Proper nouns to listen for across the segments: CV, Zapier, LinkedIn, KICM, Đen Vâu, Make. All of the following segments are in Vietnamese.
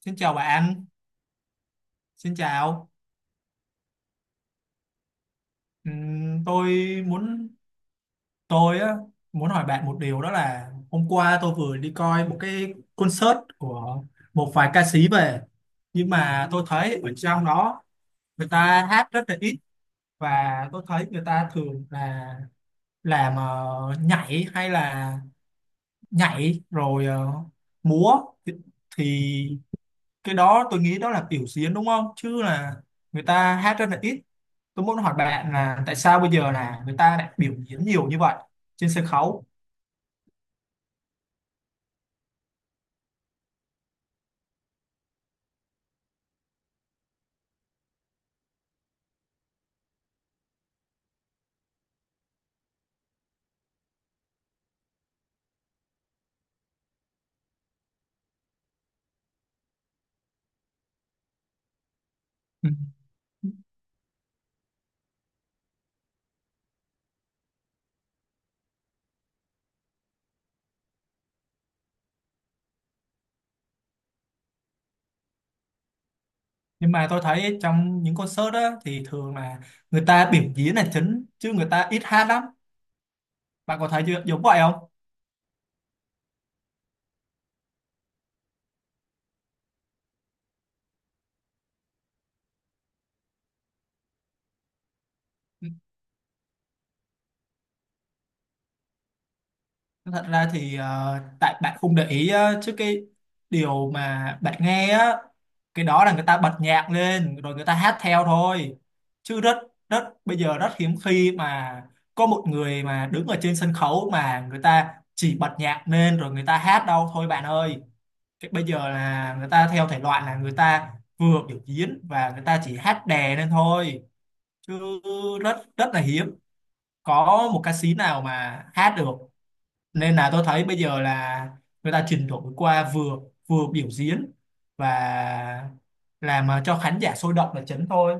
Xin chào bạn, xin chào. Ừm, tôi muốn tôi muốn hỏi bạn một điều, đó là hôm qua tôi vừa đi coi một cái concert của một vài ca sĩ về, nhưng mà tôi thấy ở trong đó người ta hát rất là ít, và tôi thấy người ta thường là làm nhảy, hay là nhảy rồi múa. Thì, thì cái đó tôi nghĩ đó là biểu diễn, đúng không, chứ là người ta hát rất là ít. Tôi muốn hỏi bạn là tại sao bây giờ là người ta lại biểu diễn nhiều như vậy trên sân khấu. Ừ. Nhưng mà tôi thấy trong những concert đó thì thường là người ta biểu diễn là chính, chứ người ta ít hát lắm. Bạn có thấy chưa- giống vậy không? Ừ. Thật ra thì tại bạn không để ý á, chứ cái điều mà bạn nghe á, cái đó là người ta bật nhạc lên rồi người ta hát theo thôi, chứ rất rất bây giờ rất hiếm khi mà có một người mà đứng ở trên sân khấu mà người ta chỉ bật nhạc lên rồi người ta hát đâu thôi, bạn ơi. Cái bây giờ là người ta theo thể loại là người ta vừa biểu diễn và người ta chỉ hát đè lên thôi, chứ rất rất là hiếm có một ca sĩ nào mà hát được. Nên là tôi thấy bây giờ là người ta chuyển đổi qua vừa vừa biểu diễn và làm cho khán giả sôi động là chính thôi.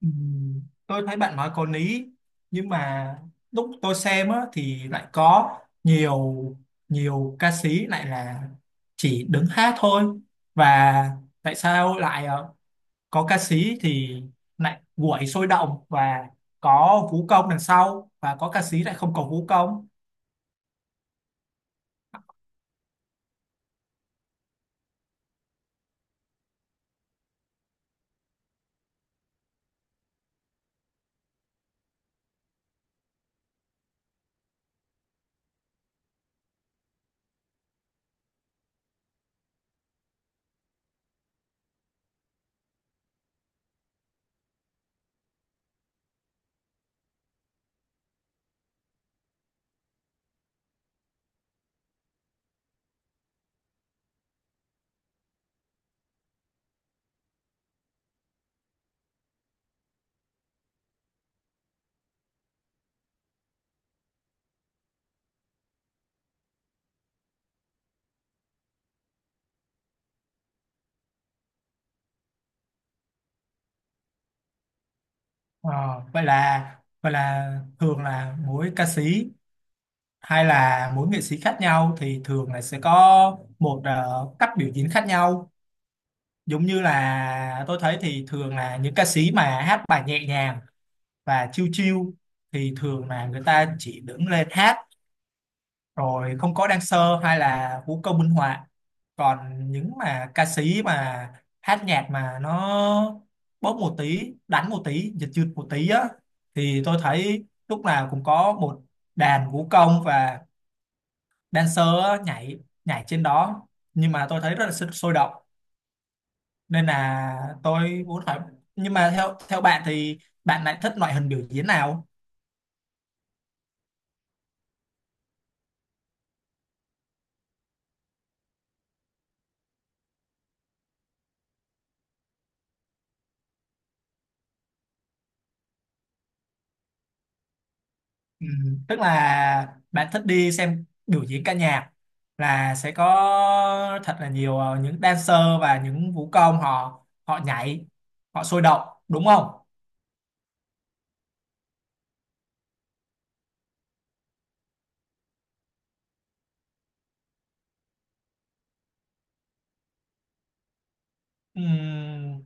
Ừm, tôi thấy bạn nói có lý, nhưng mà lúc tôi xem á, thì lại có nhiều nhiều ca sĩ lại là chỉ đứng hát thôi. Và tại sao lại có ca sĩ thì lại quẩy sôi động và có vũ công đằng sau, và có ca sĩ lại không có vũ công? Ờ, vậy là vậy là thường là mỗi ca sĩ hay là mỗi nghệ sĩ khác nhau thì thường là sẽ có một cách biểu diễn khác nhau. Giống như là tôi thấy thì thường là những ca sĩ mà hát bài nhẹ nhàng và chill chill thì thường là người ta chỉ đứng lên hát, rồi không có dancer hay là vũ công minh họa. Còn những mà ca sĩ mà hát nhạc mà nó bóp một tí, đánh một tí, giật giật một tí á, thì tôi thấy lúc nào cũng có một đàn vũ công và dancer á, nhảy nhảy trên đó, nhưng mà tôi thấy rất là sôi sôi động. Nên là tôi muốn hỏi, nhưng mà theo theo bạn thì bạn lại thích loại hình biểu diễn nào? Ừ, tức là bạn thích đi xem biểu diễn ca nhạc là sẽ có thật là nhiều những dancer và những vũ công, họ họ nhảy, họ sôi động, đúng không? Ừm,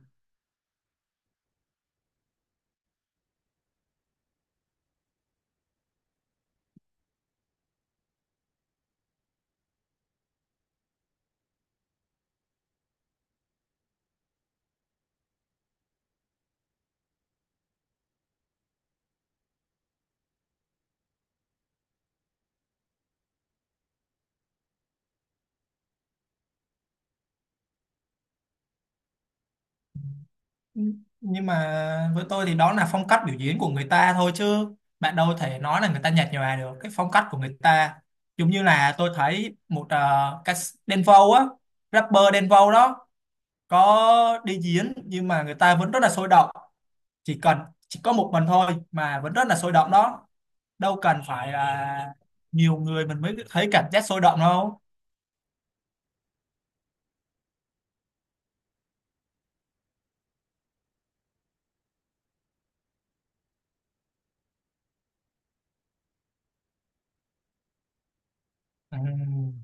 nhưng mà với tôi thì đó là phong cách biểu diễn của người ta thôi, chứ bạn đâu thể nói là người ta nhạt nhòa được cái phong cách của người ta. Giống như là tôi thấy một ca sĩ Đen Vâu á, rapper Đen Vâu đó, có đi diễn nhưng mà người ta vẫn rất là sôi động. Chỉ cần chỉ có một mình thôi mà vẫn rất là sôi động đó. Đâu cần phải là nhiều người mình mới thấy cảm giác sôi động đâu. Ừm,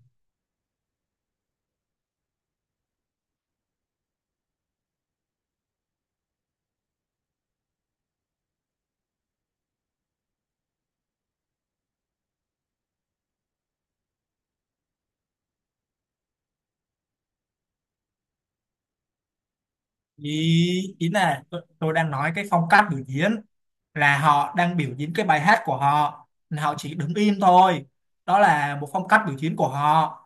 ý ý là tôi đang nói cái phong cách biểu diễn là họ đang biểu diễn cái bài hát của họ, họ chỉ đứng im thôi, đó là một phong cách biểu diễn của họ.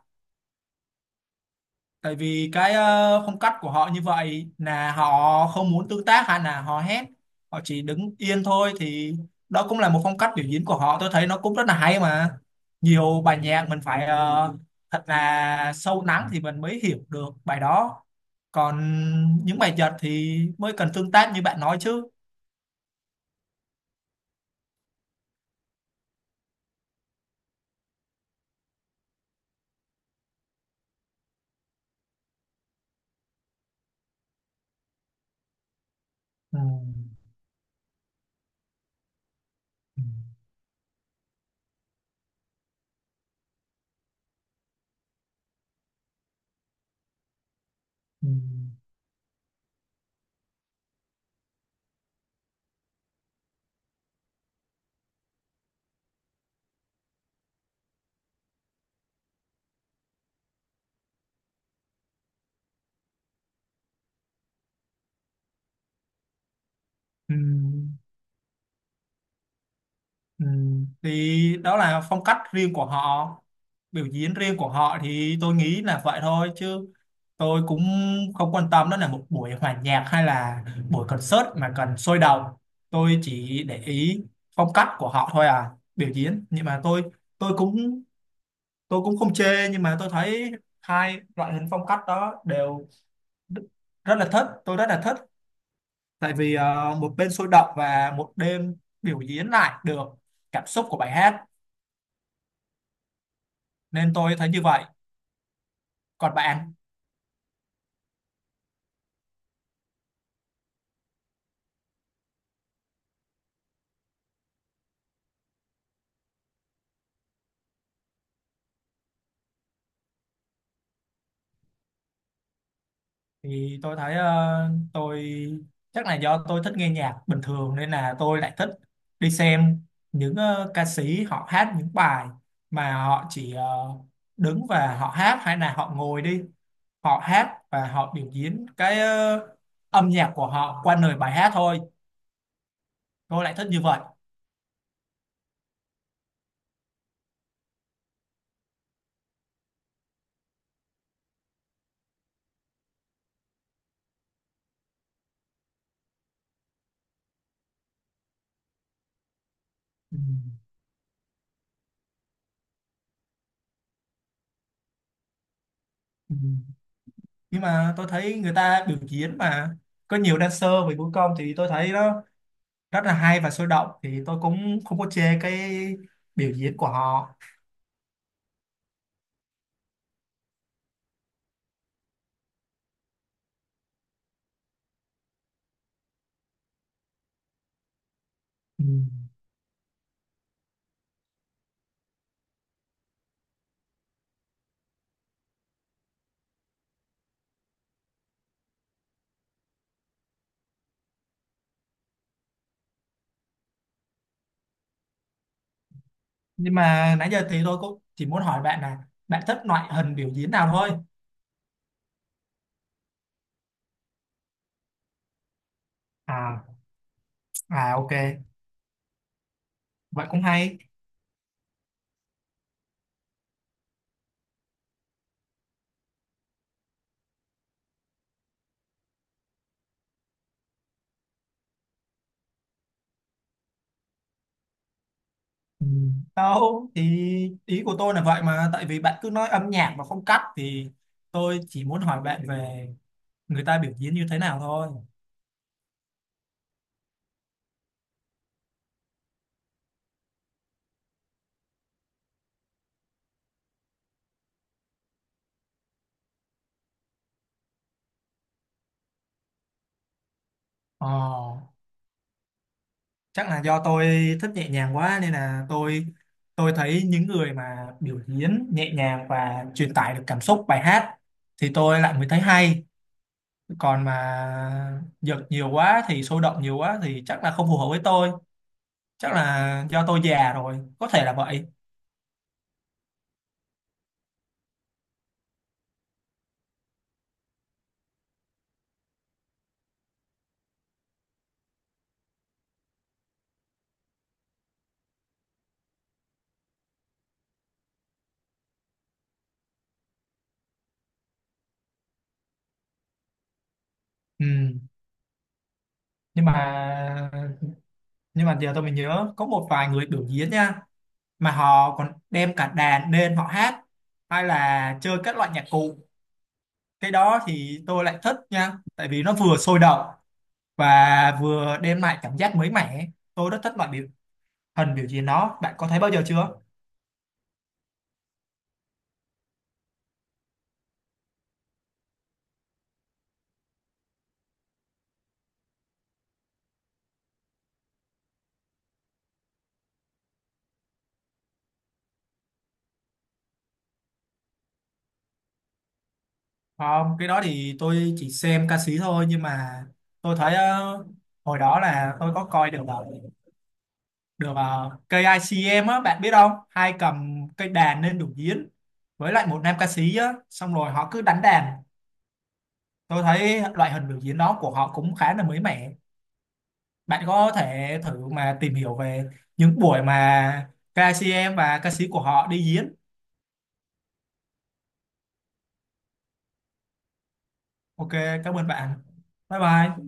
Tại vì phong cách của họ như vậy là họ không muốn tương tác hay là họ hét, họ chỉ đứng yên thôi, thì đó cũng là một phong cách biểu diễn của họ. Tôi thấy nó cũng rất là hay mà. Nhiều bài nhạc mình phải thật là sâu lắng thì mình mới hiểu được bài đó. Còn những bài giật thì mới cần tương tác như bạn nói chứ. Ừ. Ừ. Ừ. Ừ. Ừ, thì đó là phong cách riêng của họ, biểu diễn riêng của họ, thì tôi nghĩ là vậy thôi. Chứ tôi cũng không quan tâm đó là một buổi hòa nhạc hay là buổi concert mà cần sôi động. Tôi chỉ để ý phong cách của họ thôi à, biểu diễn. Nhưng mà tôi cũng tôi cũng không chê, nhưng mà tôi thấy hai loại hình phong cách đó đều rất là thích, tôi rất là thích. Tại vì một bên sôi động và một bên biểu diễn lại được cảm xúc của bài hát, nên tôi thấy như vậy. Còn bạn? Thì tôi thấy tôi chắc là do tôi thích nghe nhạc bình thường, nên là tôi lại thích đi xem những ca sĩ họ hát những bài mà họ chỉ đứng và họ hát, hay là họ ngồi đi, họ hát và họ biểu diễn âm nhạc của họ qua lời bài hát thôi. Tôi lại thích như vậy. Ừ. Ừ. Nhưng mà tôi thấy người ta biểu diễn mà có nhiều dancer với vũ công thì tôi thấy đó rất là hay và sôi động, thì tôi cũng không có chê cái biểu diễn của họ. Ừ. Nhưng mà nãy giờ thì tôi cũng chỉ muốn hỏi bạn là bạn thích loại hình biểu diễn nào thôi. À, à, ok, vậy cũng hay. Ừ. Đâu thì ý của tôi là vậy mà. Tại vì bạn cứ nói âm nhạc mà không cắt, thì tôi chỉ muốn hỏi bạn về người ta biểu diễn như thế nào thôi. Ờ, chắc là do tôi thích nhẹ nhàng quá, nên là tôi thấy những người mà biểu diễn nhẹ nhàng và truyền tải được cảm xúc bài hát thì tôi lại mới thấy hay. Còn mà giật nhiều quá thì sôi động nhiều quá thì chắc là không phù hợp với tôi. Chắc là do tôi già rồi, có thể là vậy. Ừ. nhưng mà nhưng mà giờ tôi mới nhớ có một vài người biểu diễn nha, mà họ còn đem cả đàn lên họ hát hay là chơi các loại nhạc cụ. Cái đó thì tôi lại thích nha, tại vì nó vừa sôi động và vừa đem lại cảm giác mới mẻ. Tôi rất thích loại biểu hình biểu diễn đó, bạn có thấy bao giờ chưa? Không, cái đó thì tôi chỉ xem ca sĩ thôi. Nhưng mà tôi thấy hồi đó là tôi có coi được KICM á, bạn biết không, hai cầm cây đàn lên biểu diễn với lại một nam ca sĩ á, xong rồi họ cứ đánh đàn. Tôi thấy loại hình biểu diễn đó của họ cũng khá là mới mẻ. Bạn có thể thử mà tìm hiểu về những buổi mà ca sĩ em và ca sĩ của họ đi diễn. Ok, cảm ơn bạn. Bye bye.